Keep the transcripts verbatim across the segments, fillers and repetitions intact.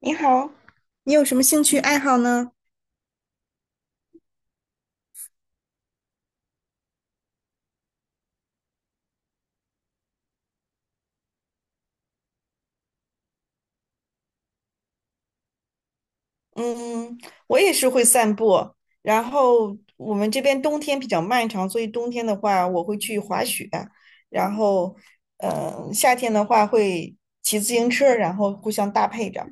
你好，你有什么兴趣爱好呢？嗯，我也是会散步，然后我们这边冬天比较漫长，所以冬天的话我会去滑雪，然后，呃，夏天的话会骑自行车，然后互相搭配着。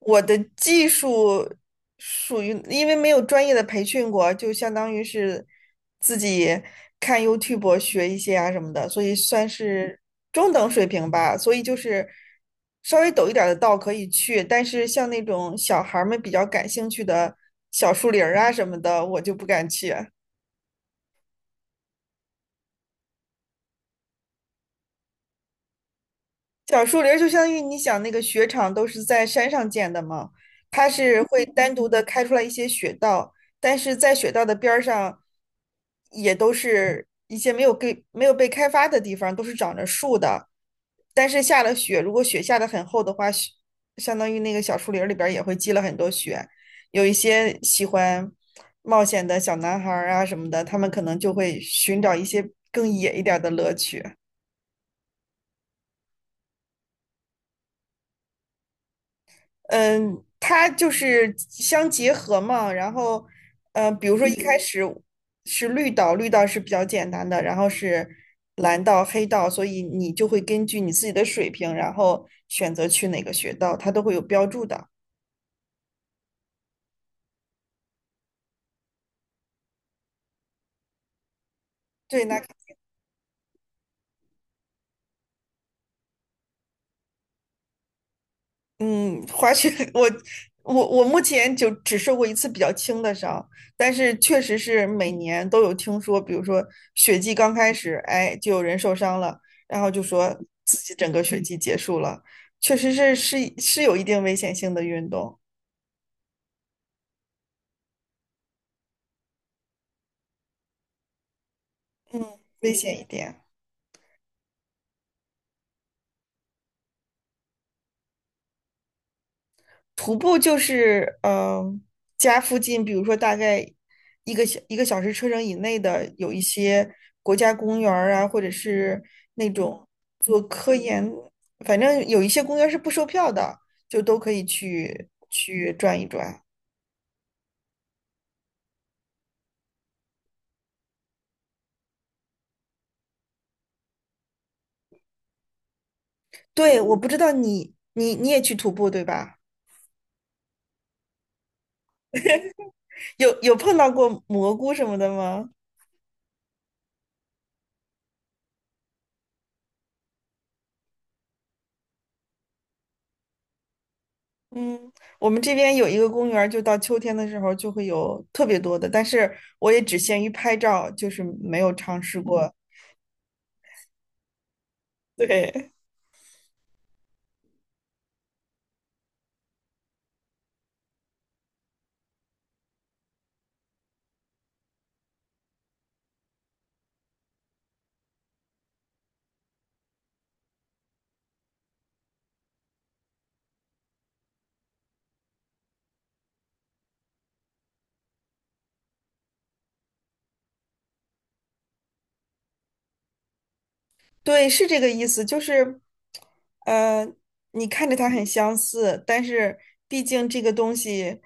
我的技术属于，因为没有专业的培训过，就相当于是自己看 YouTube 学一些啊什么的，所以算是中等水平吧。所以就是稍微陡一点儿的道可以去，但是像那种小孩儿们比较感兴趣的小树林儿啊什么的，我就不敢去。小树林儿就相当于你想那个雪场都是在山上建的嘛，它是会单独的开出来一些雪道，但是在雪道的边儿上，也都是一些没有给，没有被开发的地方，都是长着树的。但是下了雪，如果雪下得很厚的话，雪相当于那个小树林儿里边儿也会积了很多雪。有一些喜欢冒险的小男孩儿啊什么的，他们可能就会寻找一些更野一点儿的乐趣。嗯，它就是相结合嘛。然后，呃，比如说一开嗯始是绿道，绿道是比较简单的，然后是蓝道、黑道，所以你就会根据你自己的水平，然后选择去哪个学道，它都会有标注的。对，那嗯，滑雪，我我我目前就只受过一次比较轻的伤，但是确实是每年都有听说，比如说雪季刚开始，哎，就有人受伤了，然后就说自己整个雪季结束了，确实是是是有一定危险性的运动，嗯，危险一点。徒步就是嗯、呃家附近，比如说大概一个小一个小时车程以内的，有一些国家公园儿啊，或者是那种做科研，反正有一些公园儿是不售票的，就都可以去去转一转。对，我不知道你你你也去徒步对吧？有有碰到过蘑菇什么的吗？嗯，我们这边有一个公园儿就到秋天的时候就会有特别多的，但是我也只限于拍照，就是没有尝试过。对，对，是这个意思，就是，呃，你看着它很相似，但是毕竟这个东西，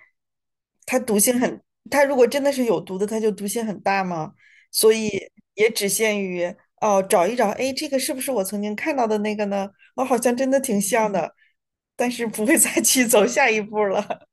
它毒性很，它如果真的是有毒的，它就毒性很大嘛，所以也只限于哦，找一找，哎，这个是不是我曾经看到的那个呢？我好像真的挺像的，但是不会再去走下一步了。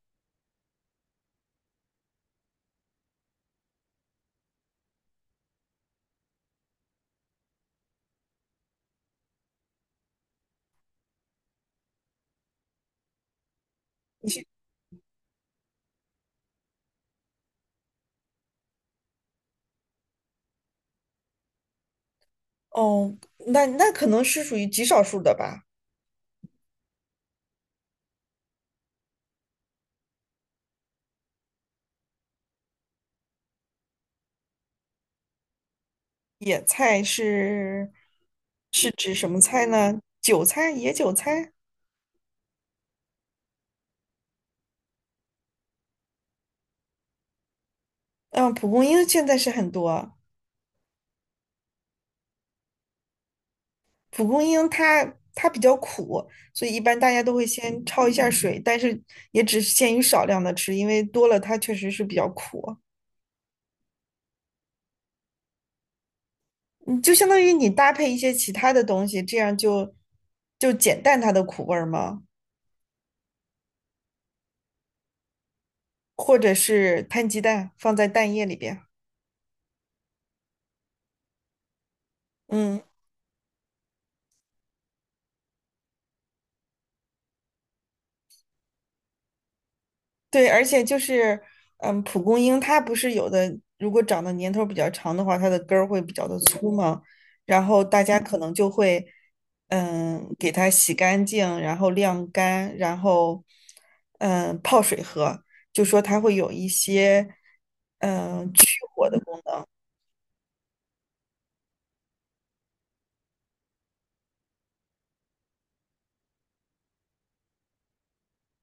哦，那那可能是属于极少数的吧。野菜是是指什么菜呢？韭菜，野韭菜。嗯，蒲公英现在是很多。蒲公英它它比较苦，所以一般大家都会先焯一下水，但是也只限于少量的吃，因为多了它确实是比较苦。你就相当于你搭配一些其他的东西，这样就就减淡它的苦味儿嘛，或者是摊鸡蛋放在蛋液里边。嗯。对，而且就是，嗯，蒲公英它不是有的，如果长的年头比较长的话，它的根儿会比较的粗嘛，然后大家可能就会，嗯，给它洗干净，然后晾干，然后，嗯，泡水喝，就说它会有一些，嗯，去火的，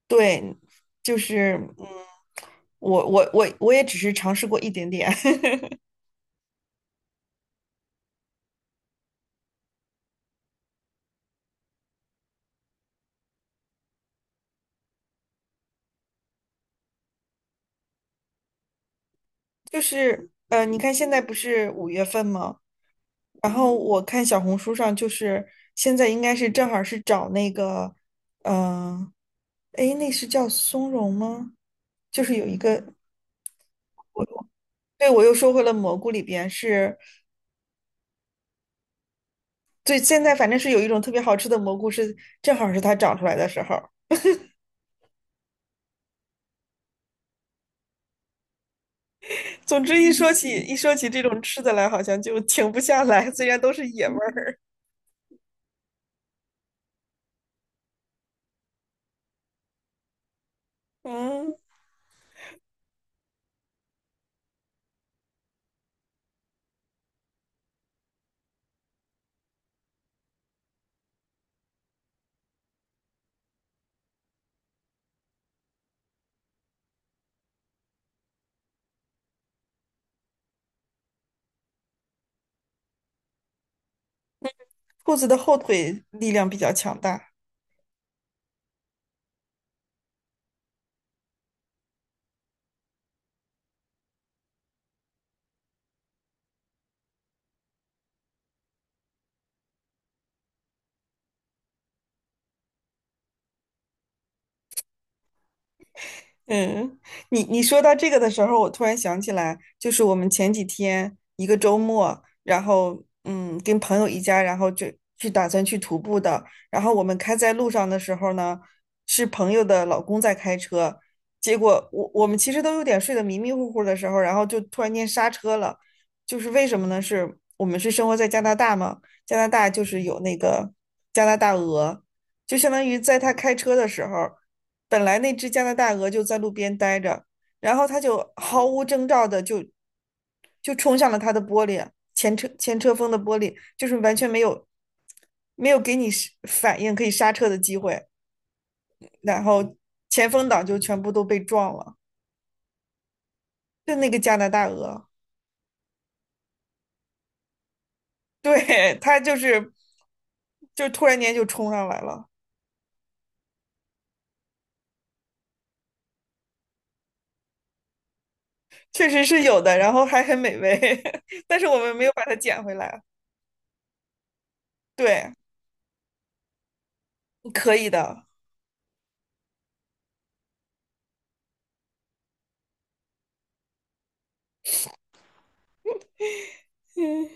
对，就是，嗯，我我我我也只是尝试过一点点。就是呃，你看现在不是五月份吗？然后我看小红书上，就是现在应该是正好是找那个，嗯、呃，诶，那是叫松茸吗？就是有一个，我对我又说回了蘑菇里边是，对，现在反正是有一种特别好吃的蘑菇是，正好是它长出来的时候。总之一说起一说起这种吃的来，好像就停不下来，虽然都是野味儿。嗯，兔子的后腿力量比较强大。嗯，你你说到这个的时候，我突然想起来，就是我们前几天一个周末，然后嗯，跟朋友一家，然后就去打算去徒步的。然后我们开在路上的时候呢，是朋友的老公在开车，结果我我们其实都有点睡得迷迷糊糊的时候，然后就突然间刹车了。就是为什么呢？是我们是生活在加拿大嘛，加拿大就是有那个加拿大鹅，就相当于在他开车的时候。本来那只加拿大鹅就在路边待着，然后它就毫无征兆的就就冲向了它的玻璃，前车前车风的玻璃，就是完全没有没有给你是反应可以刹车的机会，然后前风挡就全部都被撞了，就那个加拿大鹅，对，它就是就突然间就冲上来了，确实是有的，然后还很美味，但是我们没有把它捡回来，对，可以的。嗯。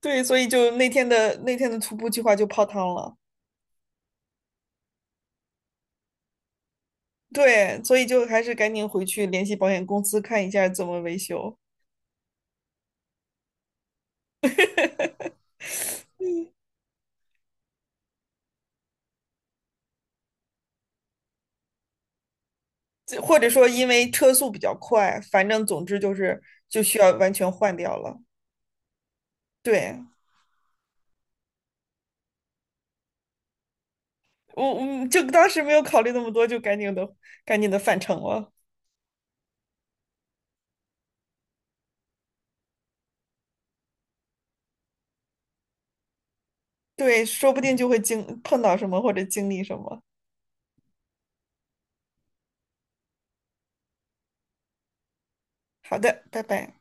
对，所以就那天的那天的徒步计划就泡汤了。对，所以就还是赶紧回去联系保险公司看一下怎么维修，这或者说因为车速比较快，反正总之就是就需要完全换掉了。对，我我就当时没有考虑那么多，就赶紧的赶紧的返程了。对，说不定就会经碰到什么或者经历什么。好的，拜拜。